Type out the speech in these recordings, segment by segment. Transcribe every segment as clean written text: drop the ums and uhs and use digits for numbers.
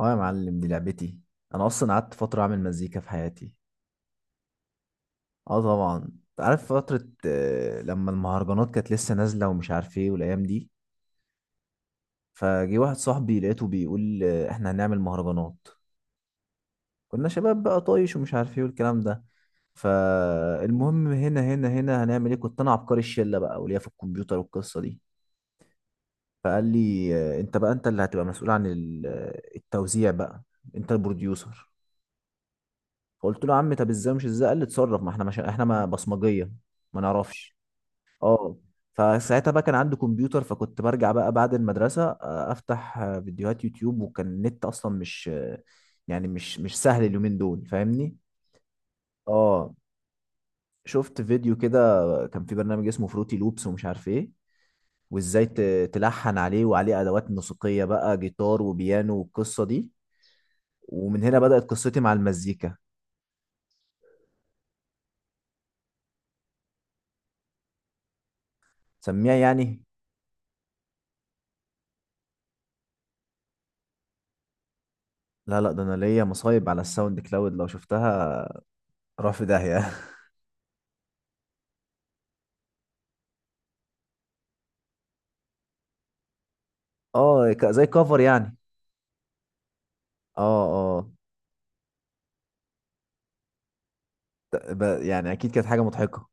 اه يا معلم، دي لعبتي. انا اصلا قعدت فتره اعمل مزيكا في حياتي. اه طبعا انت عارف فتره لما المهرجانات كانت لسه نازله ومش عارف ايه والايام دي. فجه واحد صاحبي لقيته بيقول احنا هنعمل مهرجانات. كنا شباب بقى طايش ومش عارف ايه والكلام ده. فالمهم هنا هنعمل ايه؟ كنت انا عبقري الشله بقى وليا في الكمبيوتر والقصه دي. فقال لي انت بقى، انت اللي هتبقى مسؤول عن التوزيع بقى، انت البروديوسر. فقلت له يا عم، طب ازاي؟ مش ازاي، قال لي اتصرف، ما احنا مش احنا ما بصمجيه. ما نعرفش. اه. فساعتها بقى كان عندي كمبيوتر، فكنت برجع بقى بعد المدرسه، افتح فيديوهات يوتيوب. وكان النت اصلا مش آه، يعني مش سهل اليومين دول، فاهمني. اه، شفت فيديو كده. كان في برنامج اسمه فروتي لوبس ومش عارف ايه، وازاي تلحن عليه وعليه ادوات موسيقيه بقى، جيتار وبيانو والقصه دي. ومن هنا بدات قصتي مع المزيكا. سميها يعني. لا لا، ده انا ليا مصايب على الساوند كلاود لو شفتها، راح في داهية. اه، زي كفر يعني. اه. اه. يعني اكيد كانت حاجة مضحكة.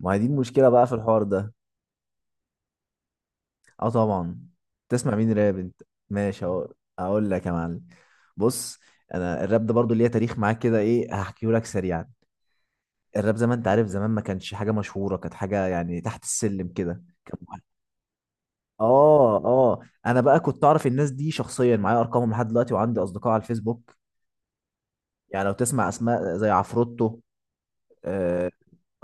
ما هي دي المشكلة بقى في الحوار ده. اه طبعا. تسمع مين راب انت؟ ماشي اهو، اقول لك يا معلم. بص، انا الراب ده برضو ليا تاريخ معاك كده، ايه، هحكيه لك سريعا. الراب زي ما انت عارف زمان ما كانش حاجة مشهورة، كانت حاجة يعني تحت السلم كده كان. اه اه. انا بقى كنت اعرف الناس دي شخصيا، معايا ارقامهم لحد دلوقتي وعندي اصدقاء على الفيسبوك. يعني لو تسمع اسماء زي عفروتو. اه،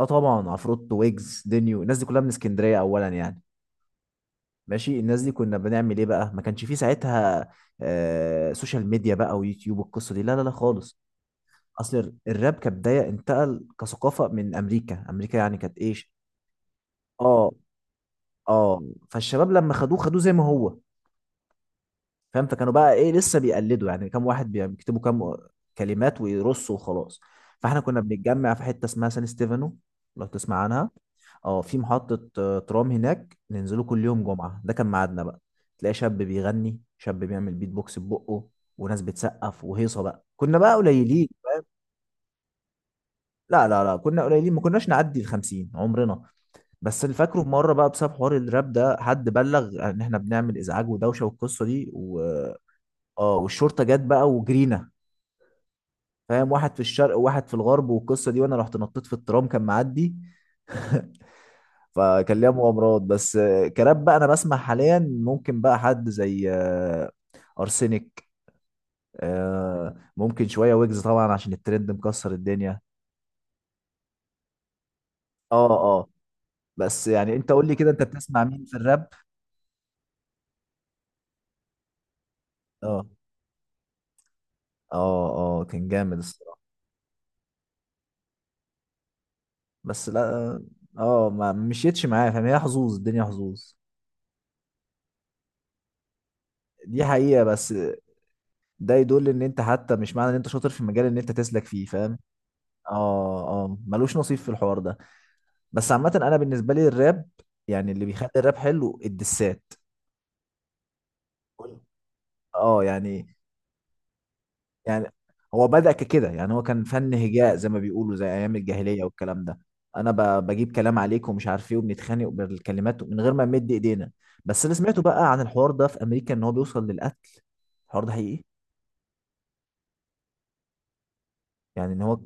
آه طبعا، عفروتو ويجز دينيو، الناس دي كلها من اسكندريه اولا يعني. ماشي، الناس دي كنا بنعمل ايه بقى؟ ما كانش فيه ساعتها آه سوشيال ميديا بقى ويوتيوب والقصه دي، لا لا لا خالص. اصل الراب كبدايه انتقل كثقافه من امريكا، امريكا يعني كانت ايش. اه. اه. فالشباب لما خدوه خدوه زي ما هو، فاهم. فكانوا بقى ايه، لسه بيقلدوا يعني، كام واحد بيكتبوا كام كلمات ويرصوا وخلاص. فاحنا كنا بنتجمع في حته اسمها سان ستيفانو، لو تسمع عنها. اه، في محطه ترام هناك، ننزلوا كل يوم جمعه، ده كان ميعادنا بقى. تلاقي شاب بيغني، شاب بيعمل بيت بوكس ببقه، وناس بتسقف وهيصه بقى، كنا بقى قليلين. لا لا لا، كنا قليلين، ما كناش نعدي ال 50 عمرنا. بس اللي فاكره في مره بقى، بسبب حوار الراب ده، حد بلغ ان احنا بنعمل ازعاج ودوشه والقصه دي و... اه والشرطه جت بقى وجرينا، فاهم، واحد في الشرق وواحد في الغرب والقصه دي. وانا رحت نطيت في الترام كان معدي. فكان ليها مغامرات. بس كراب بقى انا بسمع حاليا، ممكن بقى حد زي ارسنك، ممكن شويه ويجز طبعا عشان الترند مكسر الدنيا. اه. اه. بس يعني انت قول لي كده، انت بتسمع مين في الراب؟ اه. اه اه، كان جامد الصراحه. بس لا، اه، ما مشيتش معايا، فاهم، هي حظوظ الدنيا حظوظ. دي حقيقه. بس ده يدل ان انت حتى، مش معنى ان انت شاطر في المجال ان انت تسلك فيه، فاهم. اه اه، ملوش نصيب في الحوار ده. بس عامه انا بالنسبه لي، الراب يعني، اللي بيخلي الراب حلو الدسات. اه يعني. يعني هو بدأ ككده، يعني هو كان فن هجاء زي ما بيقولوا، زي ايام الجاهليه والكلام ده. انا بجيب كلام عليك ومش عارف ايه، وبنتخانق بالكلمات من غير ما نمد ايدينا. بس اللي سمعته بقى عن الحوار ده في امريكا، ان هو بيوصل للقتل. الحوار ده حقيقي؟ يعني ان هو.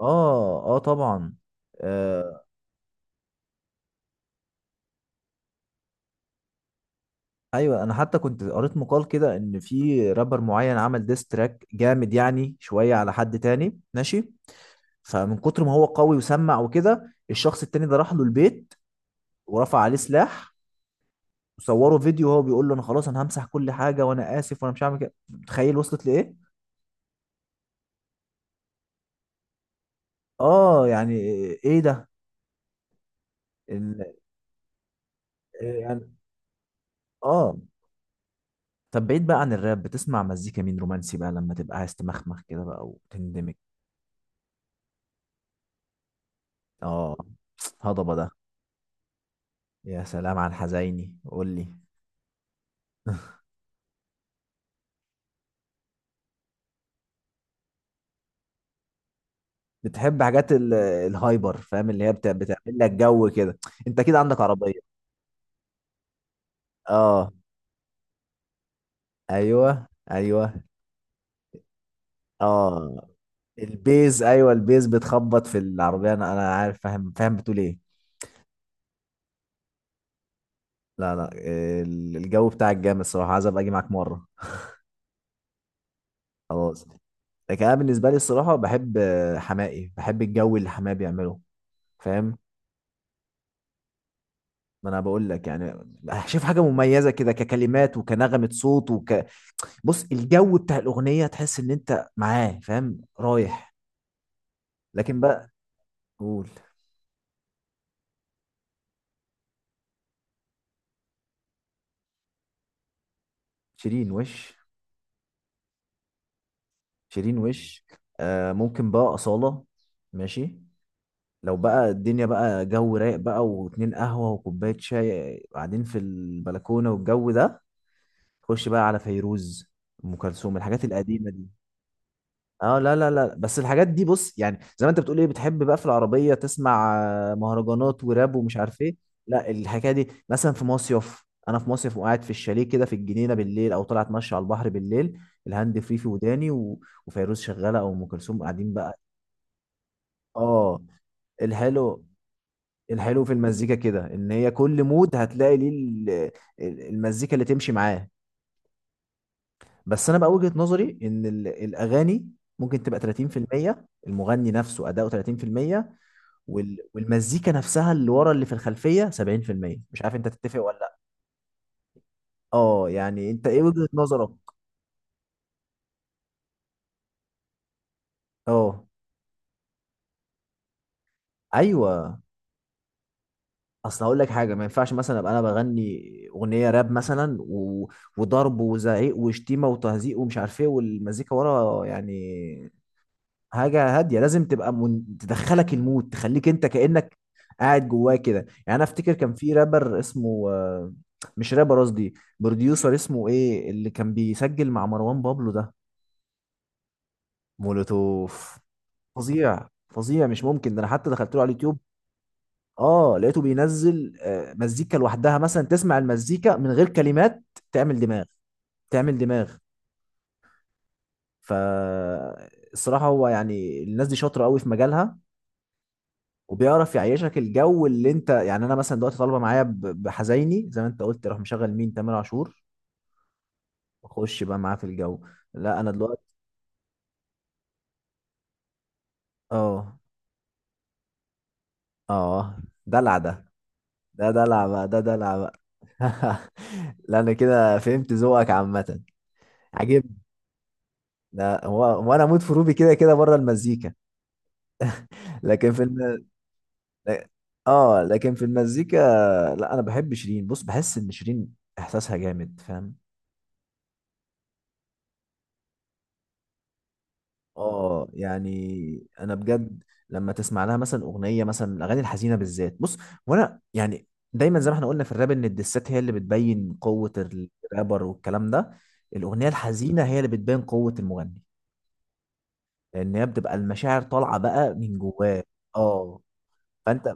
اه اه طبعا. آه، ايوه، انا حتى كنت قريت مقال كده، ان في رابر معين عمل ديس تراك جامد يعني شويه على حد تاني، ماشي. فمن كتر ما هو قوي وسمع وكده، الشخص التاني ده راح له البيت، ورفع عليه سلاح، وصوره فيديو وهو بيقول له انا خلاص، انا همسح كل حاجه، وانا اسف، وانا مش هعمل كده. تخيل وصلت لايه. اه يعني. ايه ده. ال- إيه يعني. اه. طب بعيد بقى عن الراب، بتسمع مزيكا مين رومانسي بقى، لما تبقى عايز تمخمخ كده بقى وتندمج؟ اه. هضبه ده، يا سلام على الحزيني قول لي. بتحب حاجات الهايبر، فاهم، اللي هي بتعمل لك جو كده. انت كده عندك عربية. اه. ايوه ايوه. اه، البيز، ايوه البيز بتخبط في العربية، انا عارف فاهم فاهم، بتقول ايه. لا لا، الجو بتاعك جامد الصراحة، عايز ابقى اجي معاك مرة. خلاص. لكن انا بالنسبة لي الصراحة بحب حمائي، بحب الجو اللي حماقي بيعمله. فاهم. ما انا بقول لك يعني. شوف حاجة مميزة كده، ككلمات وكنغمة صوت. بص، الجو بتاع الاغنيه تحس ان انت معاه فاهم، رايح. لكن بقى. قول. شيرين وش. شيرين وش. آه، ممكن بقى اصاله. ماشي. لو بقى الدنيا بقى جو رايق بقى، واتنين قهوه وكوبايه شاي قاعدين في البلكونه والجو ده، خش بقى على فيروز، ام كلثوم، الحاجات القديمه دي. اه لا لا لا، بس الحاجات دي بص يعني، زي ما انت بتقول ايه، بتحب بقى في العربيه تسمع مهرجانات وراب ومش عارف ايه. لا الحكايه دي مثلا في مصيف، انا في مصيف وقاعد في الشاليه كده في الجنينه بالليل، او طلعت اتمشى على البحر بالليل، الهاند فري في وداني و... وفيروز شغاله او ام كلثوم، قاعدين بقى. اه. الحلو، الحلو في المزيكا كده ان هي كل مود هتلاقي ليه المزيكا اللي تمشي معاه. بس انا بقى وجهه نظري ان الاغاني ممكن تبقى 30% المغني نفسه اداؤه، 30% وال... والمزيكا نفسها اللي ورا اللي في الخلفية 70%. مش عارف انت تتفق ولا لا. اه يعني انت ايه وجهة نظرك؟ اه ايوه. اصل هقول لك حاجه، ما ينفعش مثلا ابقى انا بغني اغنيه راب مثلا و... وضرب وزعيق وشتيمه وتهزيق ومش عارف ايه، والمزيكا ورا يعني حاجه هاديه. لازم تبقى من... تدخلك المود، تخليك انت كانك قاعد جواه كده. يعني انا افتكر كان في رابر اسمه مش رابر، قصدي بروديوسر اسمه ايه، اللي كان بيسجل مع مروان بابلو ده. مولوتوف. فظيع فظيع، مش ممكن ده، انا حتى دخلت له على اليوتيوب. اه، لقيته بينزل مزيكا لوحدها مثلا، تسمع المزيكا من غير كلمات، تعمل دماغ، تعمل دماغ. فالصراحة هو يعني الناس دي شاطرة قوي في مجالها، وبيعرف يعيشك الجو اللي انت، يعني انا مثلا دلوقتي طالبة معايا بحزيني زي ما انت قلت، اروح مشغل مين؟ تامر عاشور، واخش بقى معاه في الجو. لا انا دلوقتي. اه اه. دلع ده، ده دلع بقى، ده دلع بقى. لا انا كده فهمت ذوقك عامة، عجبني. لا هو، هو انا اموت في روبي كده كده بره المزيكا. لكن في الم... اه لكن في المزيكا، لا انا بحب شيرين، بص بحس ان شيرين احساسها جامد، فاهم. اه يعني انا بجد، لما تسمع لها مثلا اغنيه، مثلا الاغاني الحزينه بالذات، بص. وانا يعني دايما زي ما احنا قلنا في الراب، ان الدسات هي اللي بتبين قوه الرابر والكلام ده، الاغنيه الحزينه هي اللي بتبين قوه المغني، لان هي بتبقى المشاعر طالعه بقى من جواه. اه. فانت،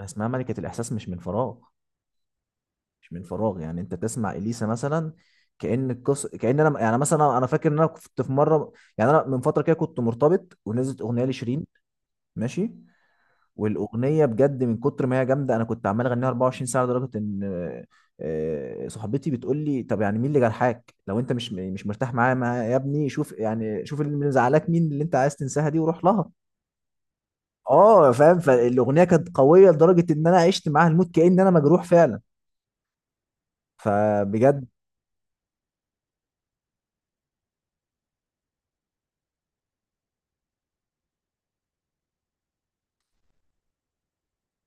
اسمها ملكه الاحساس مش من فراغ، مش من فراغ. يعني انت تسمع اليسا مثلا، كأن القص، كأن انا، يعني مثلا انا فاكر ان انا كنت في مره، يعني انا من فتره كده كنت مرتبط، ونزلت اغنيه لشيرين، ماشي، والاغنيه بجد من كتر ما هي جامده، انا كنت عمال اغنيها 24 ساعه، لدرجه ان صاحبتي بتقول لي طب يعني مين اللي جرحك؟ لو انت مش مرتاح معايا يا ابني شوف يعني، شوف اللي مزعلاك، مين اللي انت عايز تنساها دي وروح لها. اه فاهم، فالاغنيه كانت قويه لدرجه ان انا عشت معاها الموت، كأن انا مجروح فعلا، فبجد.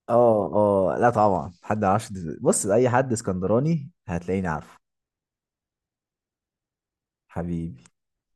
اه اه لا طبعا، حد ما يعرفش، بص اي حد اسكندراني هتلاقيني عارفه. حبيبي.